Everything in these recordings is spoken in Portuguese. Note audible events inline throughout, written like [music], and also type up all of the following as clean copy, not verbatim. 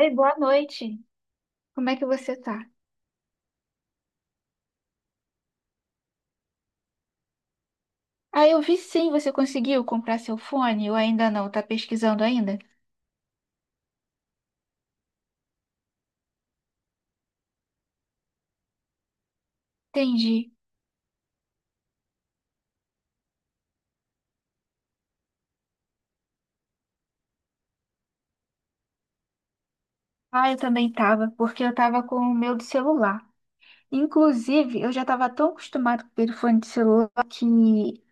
Oi, boa noite. Como é que você tá? Ah, eu vi sim, você conseguiu comprar seu fone ou ainda não? Tá pesquisando ainda? Entendi. Ah, eu também tava, porque eu tava com o meu do celular. Inclusive, eu já tava tão acostumada com o fone de celular que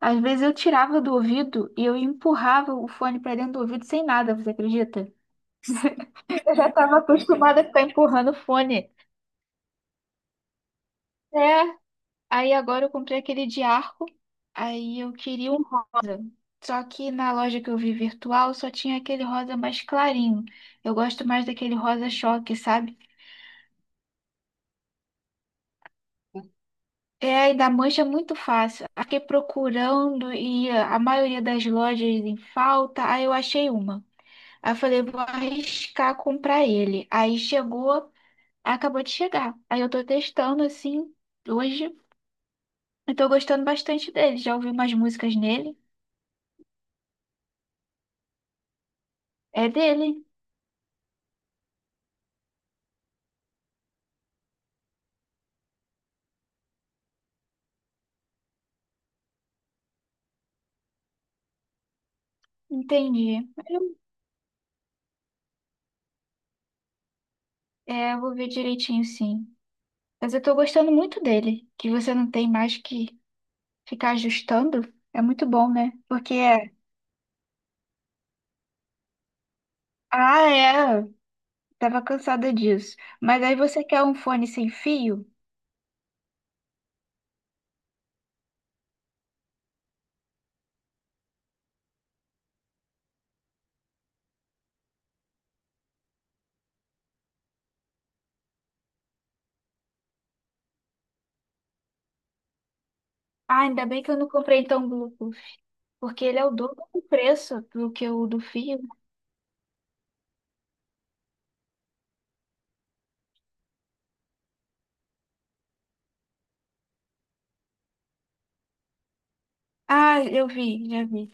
às vezes eu tirava do ouvido e eu empurrava o fone pra dentro do ouvido sem nada, você acredita? [laughs] Eu já tava acostumada a ficar empurrando o fone. É. Aí agora eu comprei aquele de arco, aí eu queria um rosa. Só que na loja que eu vi virtual só tinha aquele rosa mais clarinho. Eu gosto mais daquele rosa choque, sabe? É, e da mancha é muito fácil. Aí fiquei procurando e a maioria das lojas em falta, aí eu achei uma. Aí eu falei, vou arriscar comprar ele. Aí chegou, acabou de chegar. Aí eu tô testando assim hoje. Eu tô gostando bastante dele. Já ouvi umas músicas nele. É dele. Entendi. eu- É, eu vou ver direitinho, sim. Mas eu tô gostando muito dele, que você não tem mais que ficar ajustando. É muito bom, né? Porque é, ah, é, tava cansada disso. Mas aí você quer um fone sem fio? Ah, ainda bem que eu não comprei então o Bluetooth, porque ele é o dobro do preço do que o do fio. Ah, eu vi, já vi.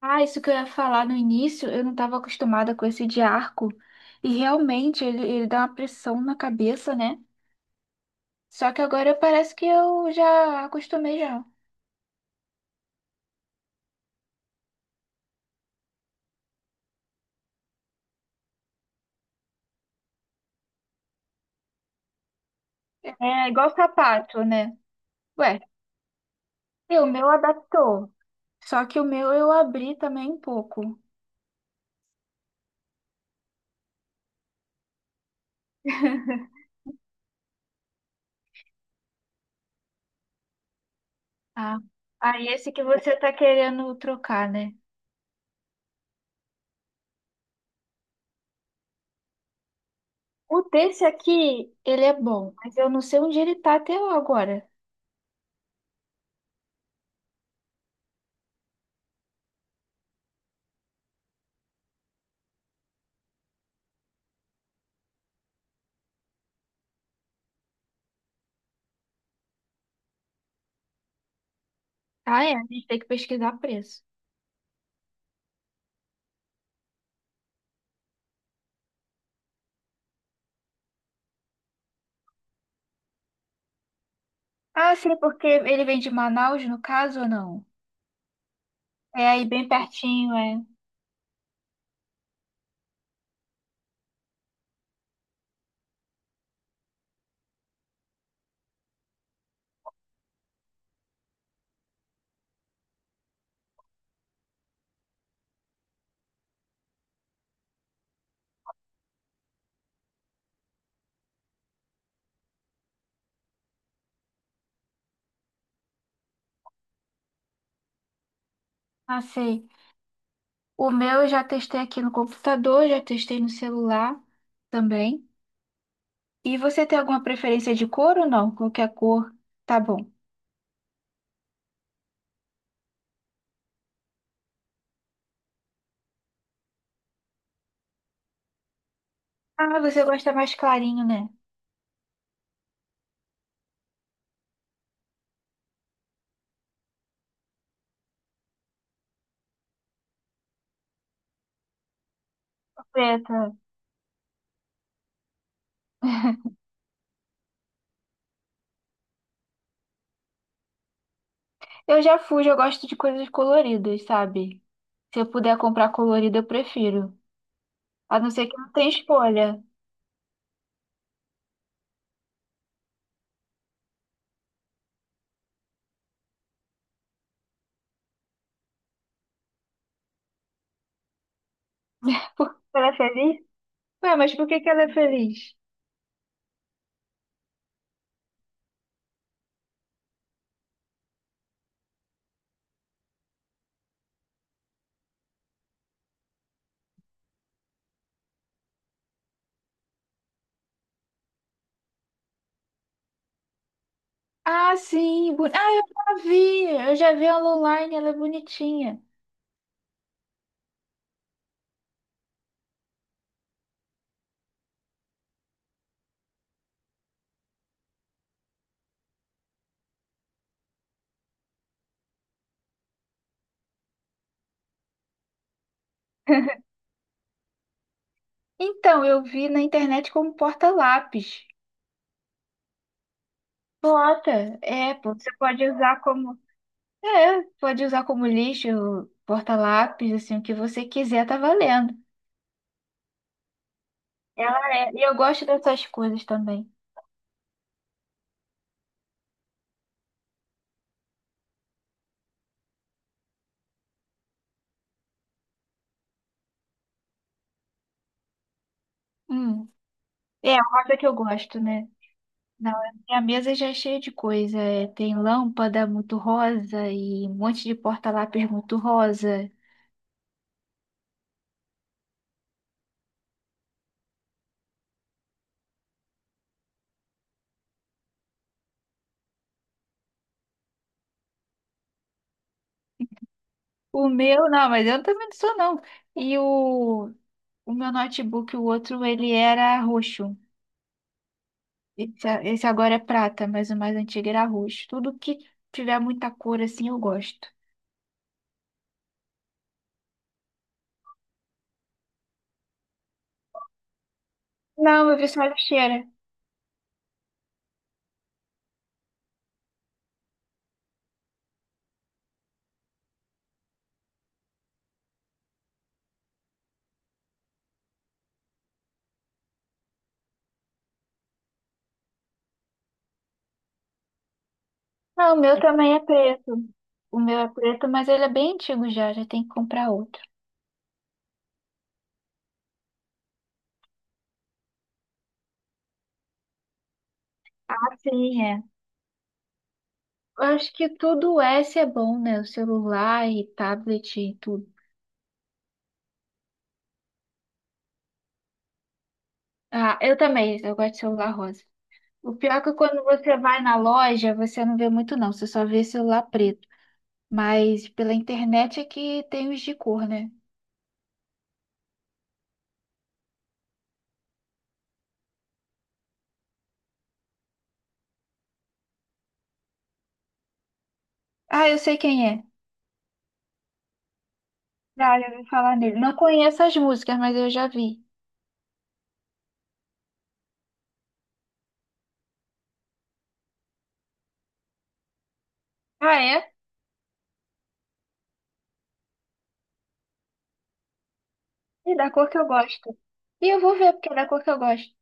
Ah, isso que eu ia falar no início, eu não estava acostumada com esse de arco. E realmente ele dá uma pressão na cabeça, né? Só que agora parece que eu já acostumei já. É igual sapato, né? Ué, e o meu adaptou. Só que o meu eu abri também um pouco. Ah, aí esse que você tá querendo trocar, né? O desse aqui, ele é bom, mas eu não sei onde ele tá até agora. Ah, é? A gente tem que pesquisar preço. Ah, sim, porque ele vem de Manaus, no caso, ou não? É aí bem pertinho, é. Ah, sei. O meu eu já testei aqui no computador, já testei no celular também. E você tem alguma preferência de cor ou não? Qualquer cor, tá bom. Ah, você gosta mais clarinho, né? Preta. Eu já fujo, eu gosto de coisas coloridas, sabe? Se eu puder comprar colorida, eu prefiro. A não ser que não tenha escolha. Por que ela é feliz? Ué, mas por que que ela é feliz? Ah, sim. Ah, eu já vi. Eu já vi ela online, ela é bonitinha. Então, eu vi na internet como porta-lápis. Bota. É, pô, você pode usar como É, pode usar como lixo, porta-lápis, assim, o que você quiser, tá valendo. Ela é, e eu gosto dessas coisas também. Hum. É, a rosa que eu gosto, né? Não, a minha mesa já é cheia de coisa. É, tem lâmpada muito rosa e um monte de porta-lápis muito rosa. O meu, não, mas eu também não sou, não. E o meu notebook, o outro, ele era roxo. Esse agora é prata, mas o mais antigo era roxo. Tudo que tiver muita cor, assim, eu gosto. Não, eu vi só a lixeira. Ah, o meu também é preto. O meu é preto, mas ele é bem antigo já, já tem que comprar outro. Sim, é. Eu acho que tudo S é bom, né? O celular e tablet e tudo. Ah, eu também, eu gosto de celular rosa. O pior é que quando você vai na loja, você não vê muito, não. Você só vê celular preto. Mas pela internet é que tem os de cor, né? Ah, eu sei quem é. Já ouvi falar nele. Não conheço as músicas, mas eu já vi. Ah, é? E da cor que eu gosto. E eu vou ver porque é da cor que eu gosto.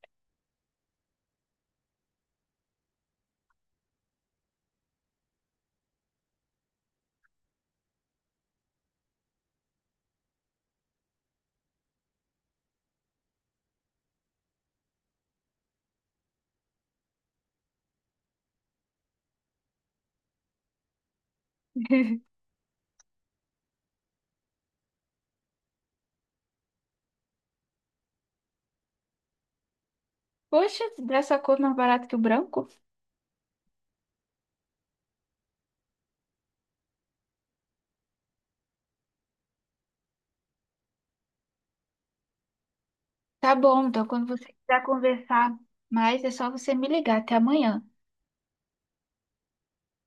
[laughs] Poxa, dessa cor mais barata que o branco? Tá bom, então quando você quiser conversar mais, é só você me ligar. Até amanhã.